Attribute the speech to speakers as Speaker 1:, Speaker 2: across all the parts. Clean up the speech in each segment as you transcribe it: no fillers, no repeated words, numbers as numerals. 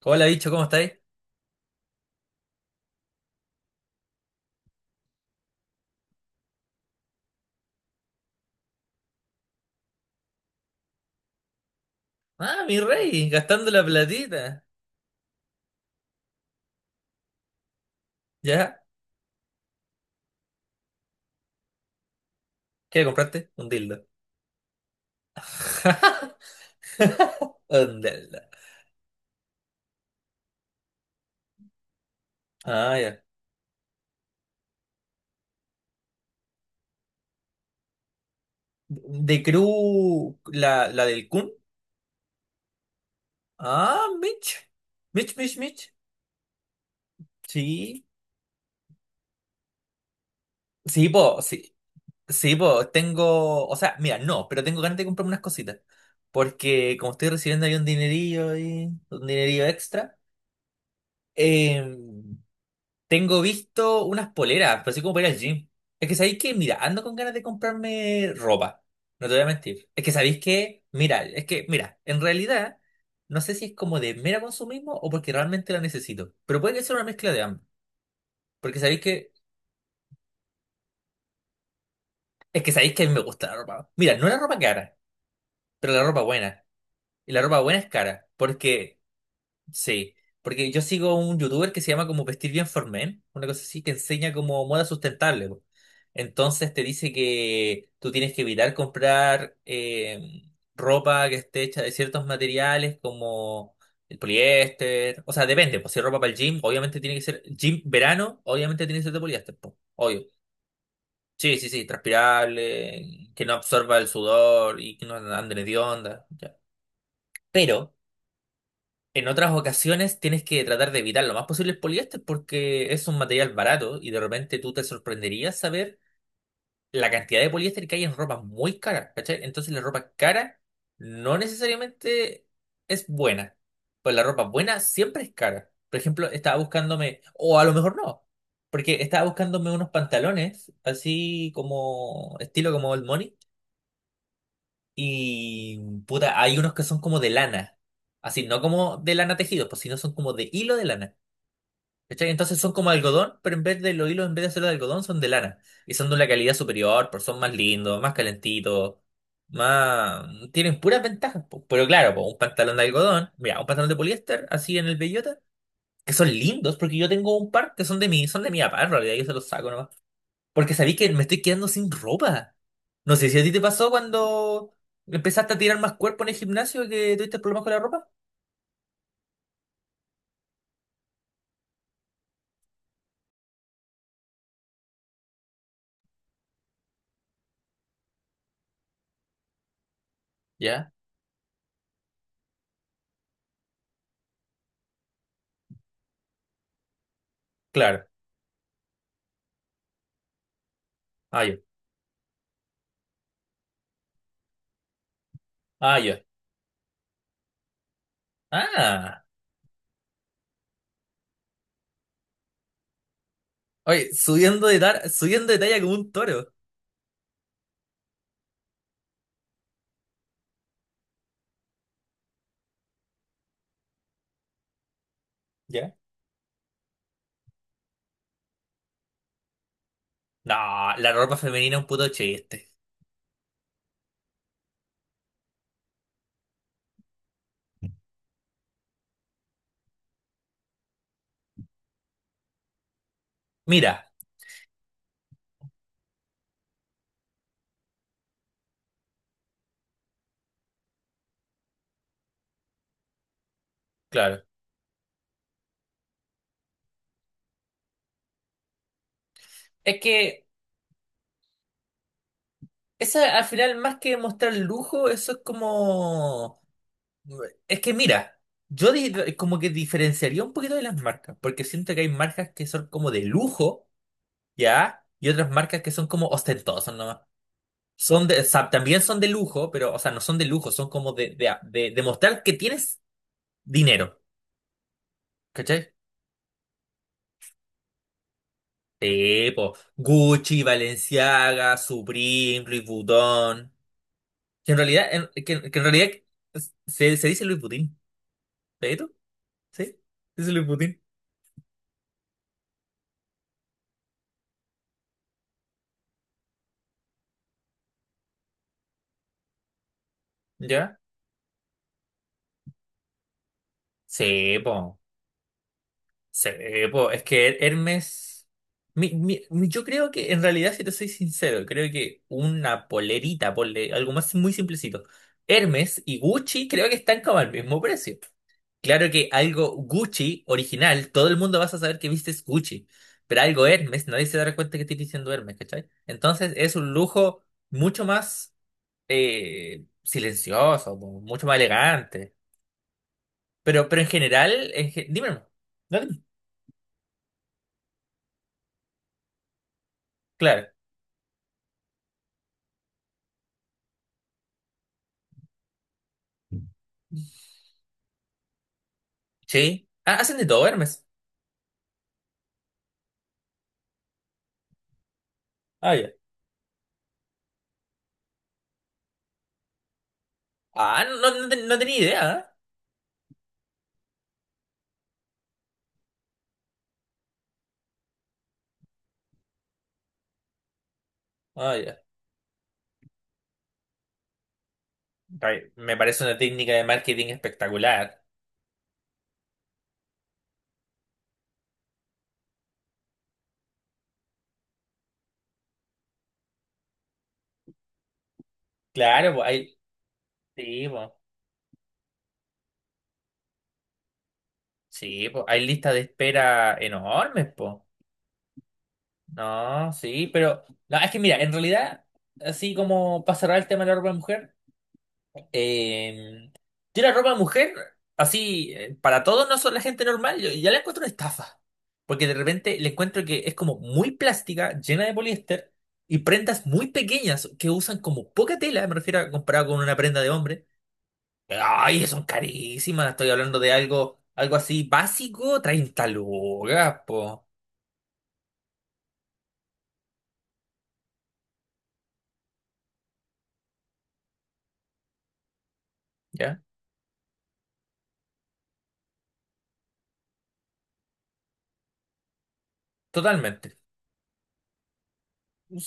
Speaker 1: Hola, bicho, ¿cómo estáis? Ah, mi rey, gastando la platita. ¿Ya? ¿Qué compraste? Un dildo. Un dildo. Ah, ya. ¿De Crew, la del Kun? Ah, Mitch. Mitch. Sí. Sí, po, sí. Sí, po, tengo. O sea, mira, no, pero tengo ganas de comprarme unas cositas. Porque como estoy recibiendo ahí un dinerillo y un dinerillo extra. Eh, Tengo visto unas poleras, pero así como para ir al gym. Es que sabéis que, mira, ando con ganas de comprarme ropa. No te voy a mentir. Es que sabéis que, mira, es que, mira, en realidad, no sé si es como de mera consumismo o porque realmente la necesito. Pero puede que sea una mezcla de ambos. Porque sabéis que, es que sabéis que a mí me gusta la ropa. Mira, no la ropa cara, pero la ropa buena. Y la ropa buena es cara. Porque sí, porque yo sigo un youtuber que se llama como Vestir Bien for Men, una cosa así que enseña como moda sustentable, po. Entonces te dice que tú tienes que evitar comprar ropa que esté hecha de ciertos materiales como el poliéster. O sea, depende, pues si es ropa para el gym, obviamente tiene que ser gym verano, obviamente tiene que ser de poliéster, po, obvio. Sí, sí, sí, transpirable, que no absorba el sudor y que no ande de onda. Pero en otras ocasiones tienes que tratar de evitar lo más posible el poliéster porque es un material barato y de repente tú te sorprenderías saber la cantidad de poliéster que hay en ropa muy cara, ¿cachai? Entonces la ropa cara no necesariamente es buena, pues la ropa buena siempre es cara. Por ejemplo, estaba buscándome, o a lo mejor no, porque estaba buscándome unos pantalones así como estilo como el Money, y puta, hay unos que son como de lana. Así, no como de lana tejido, pues sino son como de hilo de lana. ¿Cachai? Entonces son como algodón, pero en vez de los hilos, en vez de ser de algodón, son de lana. Y son de una calidad superior, porque son más lindos, más calentitos, más... Tienen puras ventajas, po. Pero claro, po, un pantalón de algodón, mira, un pantalón de poliéster, así en el bellota, que son lindos, porque yo tengo un par que son de mí, son de mi papá, en realidad yo se los saco porque sabí que me estoy quedando sin ropa. No sé si a ti te pasó cuando empezaste a tirar más cuerpo en el gimnasio y que tuviste problemas con la ropa. Ya, claro. Ah, yo. Ah, yo. Ah. Oye, subiendo de, subiendo de talla como un toro. ¿Ya? No, la ropa femenina es un puto chiste. Mira, claro. Es que eso al final, más que mostrar lujo, eso es como... Es que mira, yo como que diferenciaría un poquito de las marcas, porque siento que hay marcas que son como de lujo, ¿ya? Y otras marcas que son como ostentosas nomás. Son de, también son de lujo, pero, o sea, no son de lujo, son como de, de mostrar que tienes dinero, ¿cachai? Tipo Gucci, Balenciaga, Supreme, Louis Vuitton. Que en realidad, que en realidad se, se dice Louis Vuitton, ¿pero? ¿Sí? Se dice Louis Vuitton, ¿ya? Sí, po. Po, es que Hermes, yo creo que en realidad, si te soy sincero, creo que una polerita, ponle algo más muy simplecito. Hermes y Gucci creo que están como al mismo precio. Claro que algo Gucci original, todo el mundo vas a saber que vistes Gucci, pero algo Hermes, nadie se dará cuenta que estoy diciendo Hermes, ¿cachai? Entonces es un lujo mucho más silencioso, mucho más elegante. Pero en general, dime, nomás. No, dime. Claro. Sí. Ah, hacen de todo, Hermes. Ah, ya. Ah, no, no, no tenía idea, ¿eh? Ah, ya. Ay, me parece una técnica de marketing espectacular. Claro, pues hay. Sí, pues. Sí, pues hay listas de espera enormes, pues. No, sí, pero. No, es que mira, en realidad, así como para cerrar el tema de la ropa de mujer. Eh, tira ropa de mujer, así, para todos no son la gente normal, yo ya la encuentro una estafa. Porque de repente le encuentro que es como muy plástica, llena de poliéster, y prendas muy pequeñas que usan como poca tela, me refiero a comparado con una prenda de hombre. Ay, son carísimas, estoy hablando de algo, algo así básico, 30 lucas, po. ¿Ya? Totalmente.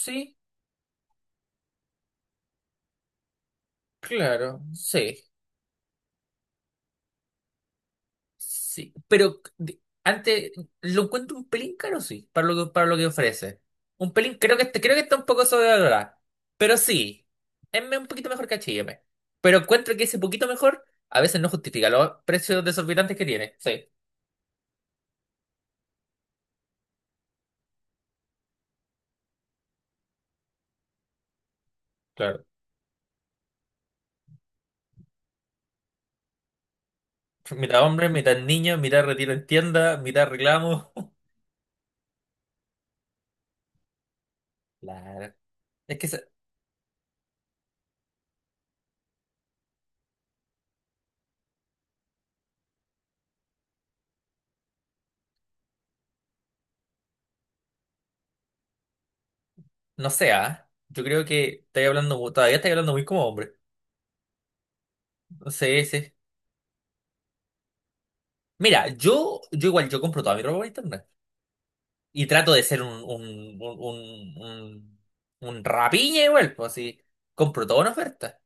Speaker 1: Sí, claro, sí. Sí, pero antes lo encuentro un pelín caro, sí, para lo que ofrece. Un pelín, creo que, creo que está un poco sobrevalorada. Pero sí, es un poquito mejor que H&M. Pero encuentro que ese poquito mejor a veces no justifica los precios desorbitantes que tiene. Sí, claro. Mitad hombre, mitad niño, mitad retiro en tienda, mitad reclamo. Claro. Es que, no sé, ¿ah? Yo creo que estoy hablando, todavía estoy hablando muy como hombre. No sé, sí. Mira, yo igual, yo compro toda mi ropa por internet. Y trato de ser un, un rapiña igual, pues así. Compro todo una oferta.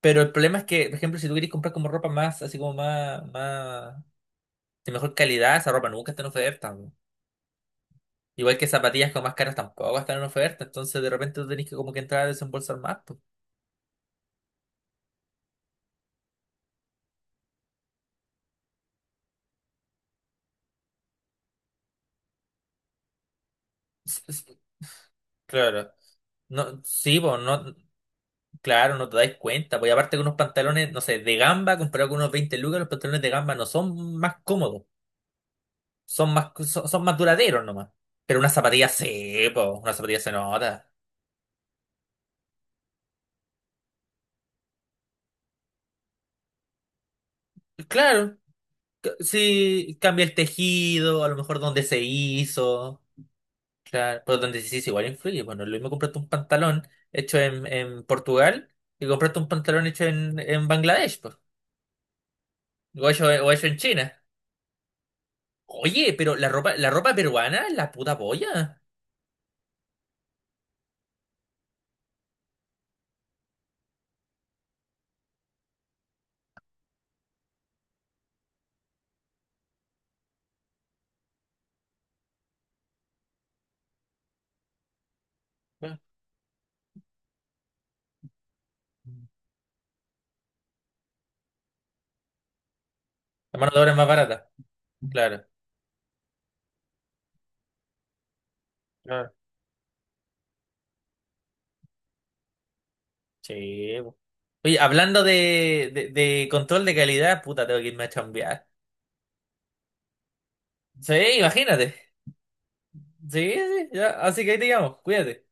Speaker 1: Pero el problema es que, por ejemplo, si tú quieres comprar como ropa más, así como más, más, de mejor calidad, esa ropa nunca está en oferta, po. Igual que zapatillas como más caras tampoco están en oferta. Entonces de repente tú tenés que como que entrar a desembolsar más, po. S- s- Claro. No, sí, pues no, claro, no te dais cuenta. Pues y aparte que unos pantalones, no sé, de gamba, comparado con unos 20 lucas, los pantalones de gamba no son más cómodos. Son más, son más duraderos nomás. Pero una zapatilla sí, po, una zapatilla se nota. Claro, sí, cambia el tejido, a lo mejor donde se hizo. Claro, pero donde se hizo igual influye. Bueno, lo mismo compraste un pantalón hecho en Portugal y compraste un pantalón hecho en Bangladesh, po, o hecho en China. Oye, pero la ropa peruana es la puta polla. Claro. La mano de obra es más barata. Claro, claro, sí. Oye, hablando de, control de calidad, puta, tengo que irme a chambear. Sí, imagínate. Sí, sí, ya. Así que ahí te llamo, cuídate.